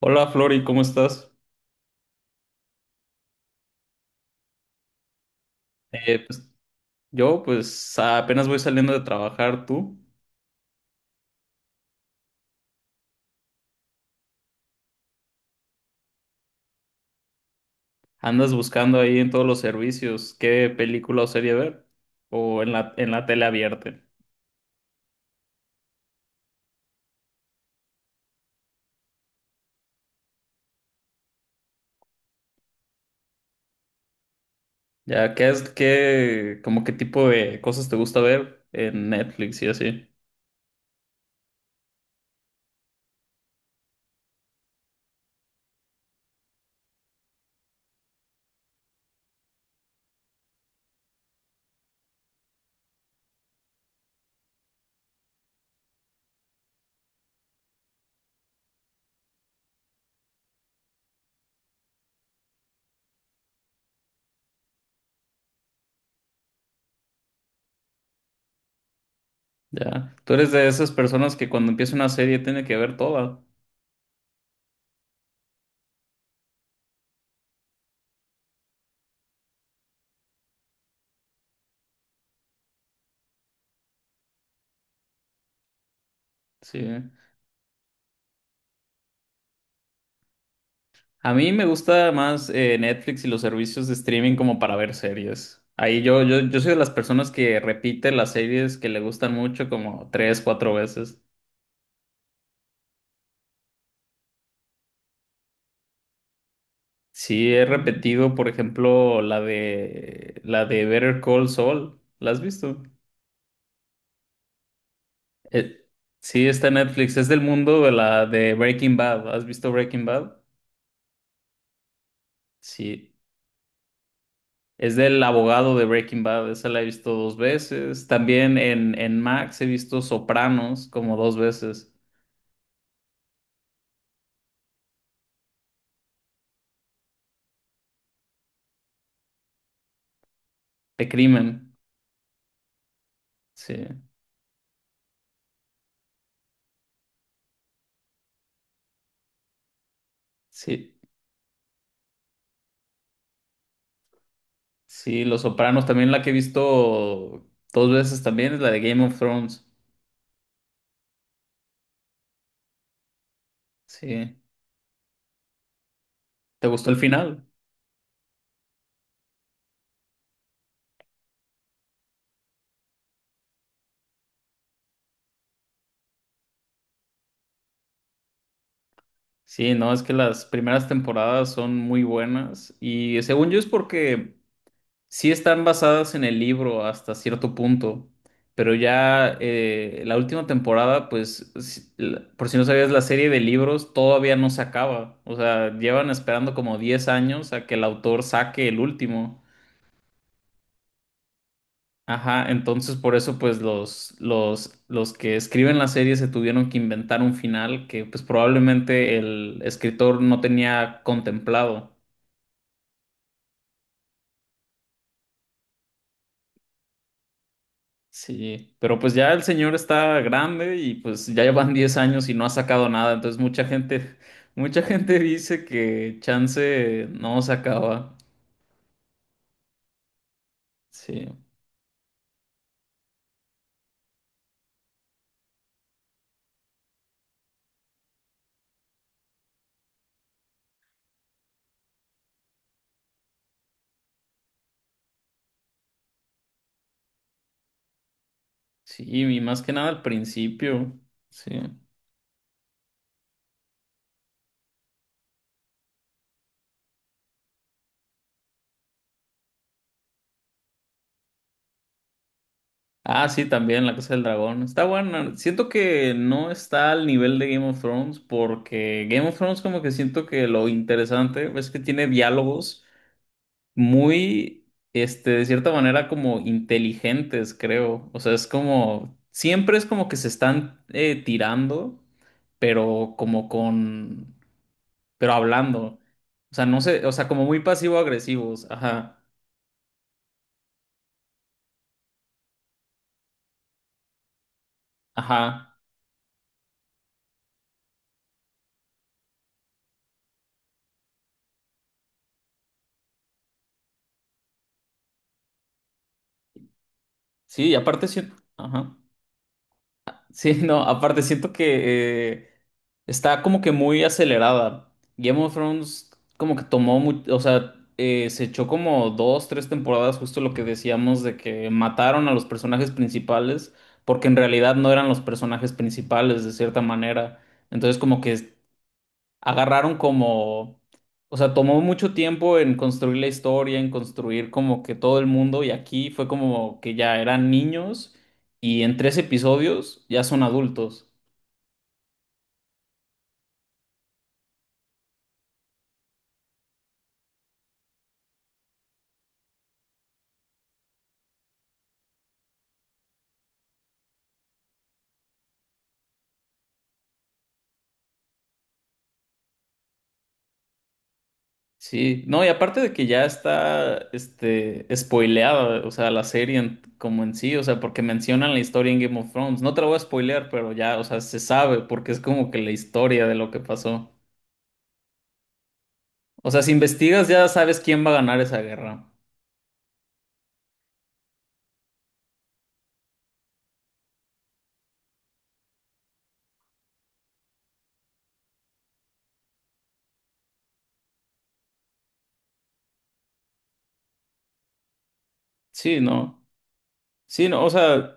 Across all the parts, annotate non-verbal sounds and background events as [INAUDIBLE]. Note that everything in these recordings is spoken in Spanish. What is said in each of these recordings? Hola Flori, ¿cómo estás? Eh, pues, yo pues apenas voy saliendo de trabajar, ¿tú? ¿Andas buscando ahí en todos los servicios qué película o serie ver? ¿O en la tele abierta? Ya, ¿qué es, qué, como qué tipo de cosas te gusta ver en Netflix y así? Ya, tú eres de esas personas que cuando empieza una serie tiene que ver toda. Sí. A mí me gusta más Netflix y los servicios de streaming como para ver series. Ahí yo soy de las personas que repite las series que le gustan mucho como tres, cuatro veces. Sí, he repetido, por ejemplo, la de Better Call Saul. ¿La has visto? Eh, sí, está en Netflix. Es del mundo de la de Breaking Bad. ¿Has visto Breaking Bad? Sí. Es del abogado de Breaking Bad. Esa la he visto dos veces. También en Max he visto Sopranos como dos veces. De crimen. Sí, sí, sí. Los Sopranos también la que he visto dos veces también es la de Game of Thrones. Sí. ¿Te gustó el final? Sí, no, es que las primeras temporadas son muy buenas y según yo es porque sí están basadas en el libro hasta cierto punto, pero ya la última temporada, pues, por si no sabías, la serie de libros todavía no se acaba, o sea, llevan esperando como 10 años a que el autor saque el último. Ajá, entonces por eso pues los que escriben la serie se tuvieron que inventar un final que pues probablemente el escritor no tenía contemplado. Sí, pero pues ya el señor está grande y pues ya llevan 10 años y no ha sacado nada, entonces mucha gente dice que chance no sacaba. Sí, sí, y más que nada al principio. Sí. Ah, sí, también La Casa del Dragón. Está buena. Siento que no está al nivel de Game of Thrones porque Game of Thrones como que siento que lo interesante es que tiene diálogos muy, este, de cierta manera como inteligentes, creo. O sea, es como, siempre es como que se están tirando, pero como con, pero hablando. O sea, no sé, o sea, como muy pasivo-agresivos. Ajá, ajá. Sí, y aparte siento, ajá. Sí, [LAUGHS] no, aparte siento que está como que muy acelerada. Game of Thrones como que tomó mucho, o sea, se echó como dos, tres temporadas, justo lo que decíamos de que mataron a los personajes principales, porque en realidad no eran los personajes principales de cierta manera. Entonces como que agarraron como, o sea, tomó mucho tiempo en construir la historia, en construir como que todo el mundo y aquí fue como que ya eran niños y en tres episodios ya son adultos. Sí, no, y aparte de que ya está, este, spoileada, o sea, la serie como en sí, o sea, porque mencionan la historia en Game of Thrones. No te la voy a spoilear, pero ya, o sea, se sabe porque es como que la historia de lo que pasó. O sea, si investigas ya sabes quién va a ganar esa guerra. Sí, no. Sí, no, o sea,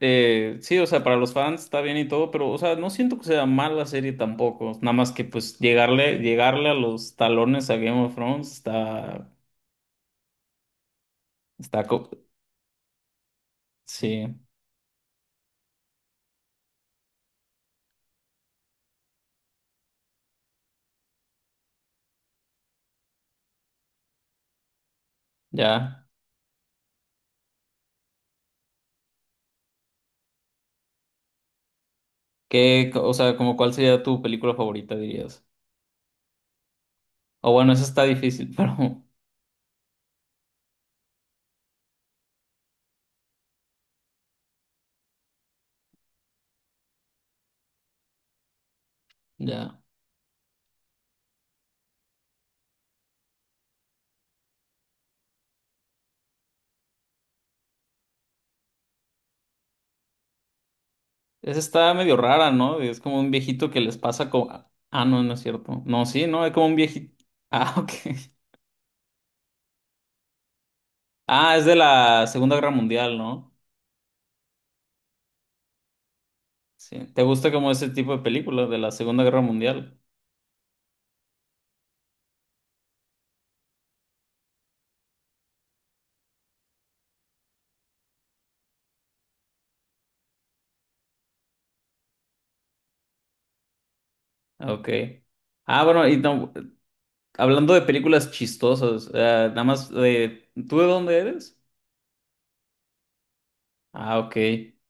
Sí, o sea, para los fans está bien y todo, pero, o sea, no siento que sea mala serie tampoco. Nada más que, pues, llegarle, llegarle a los talones a Game of Thrones está, co- sí, ya. ¿Qué, o sea, como cuál sería tu película favorita, dirías? O bueno, esa está difícil, [LAUGHS] pero ya. Esa está medio rara, ¿no? Es como un viejito que les pasa como... Ah, ah, no, no es cierto. No, sí, no, es como un viejito. Ah, [LAUGHS] ok. Ah, es de la Segunda Guerra Mundial, ¿no? Sí. ¿Te gusta como ese tipo de películas de la Segunda Guerra Mundial? Ah, ok. Ah, bueno, y no, hablando de películas chistosas, nada más de, ¿tú de dónde eres? Ah, ok.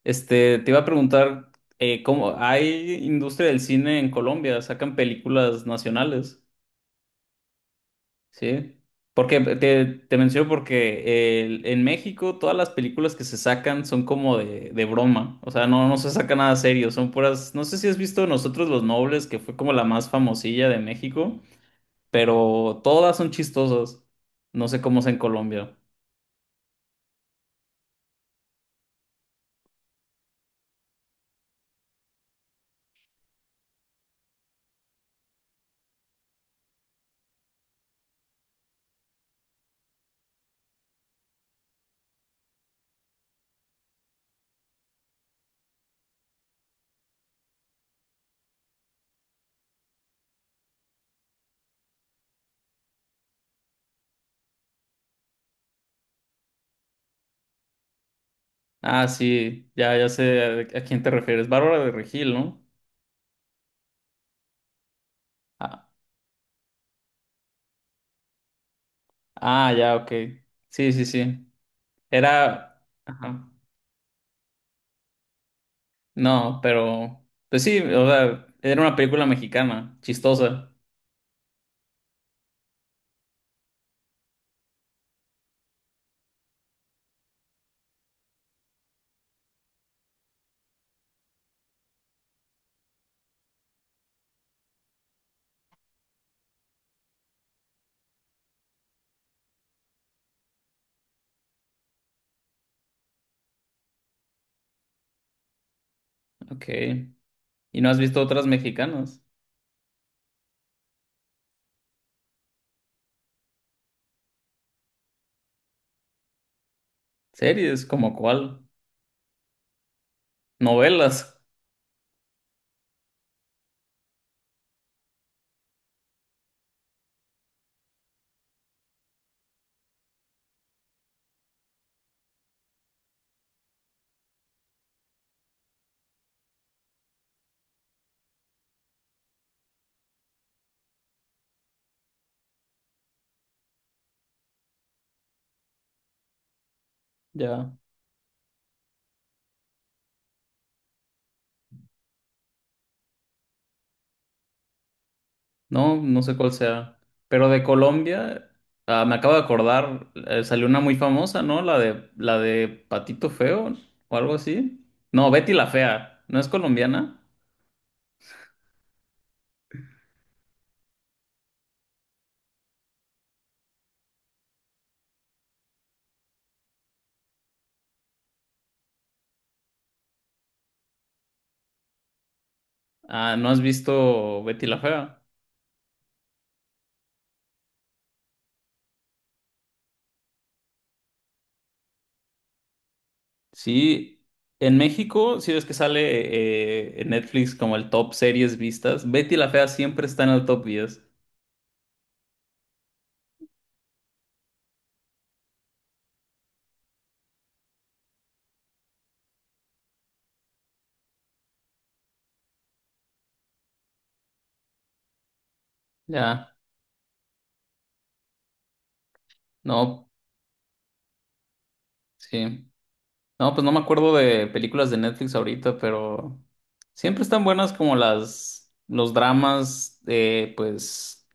Este, te iba a preguntar, ¿cómo hay industria del cine en Colombia? ¿Sacan películas nacionales? Sí, porque te menciono porque en México todas las películas que se sacan son como de broma, o sea, no, no se saca nada serio, son puras, no sé si has visto Nosotros los Nobles, que fue como la más famosilla de México, pero todas son chistosas, no sé cómo es en Colombia. Ah, sí, ya, ya sé a quién te refieres, Bárbara de Regil, ¿no? Ah, ah, ya, ok, sí, sí, sí, era... ajá. No, pero pues sí, o sea, era una película mexicana, chistosa. Ok. ¿Y no has visto otras mexicanas? Series, ¿como cuál? Novelas. Ya. No, no sé cuál sea. Pero de Colombia, ah, me acabo de acordar, salió una muy famosa, ¿no? La de Patito Feo o algo así. No, Betty la Fea. ¿No es colombiana? Ah, ¿no has visto Betty la Fea? Sí, en México, si ves que sale en Netflix como el top series vistas, Betty la Fea siempre está en el top 10. Ya, no, sí. No, pues no me acuerdo de películas de Netflix ahorita, pero siempre están buenas como las, los dramas, pues,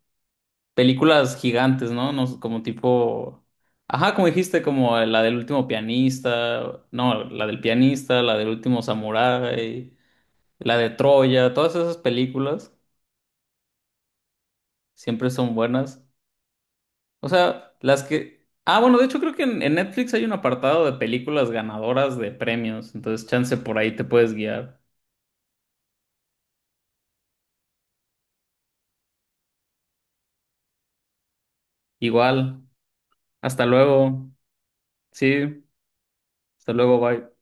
películas gigantes, ¿no? No, sé, como tipo, ajá, como dijiste, como la del último pianista, no, la del pianista, la del último samurái, la de Troya, todas esas películas. Siempre son buenas. O sea, las que... Ah, bueno, de hecho creo que en Netflix hay un apartado de películas ganadoras de premios. Entonces, chance por ahí te puedes guiar. Igual. Hasta luego. Sí. Hasta luego. Bye.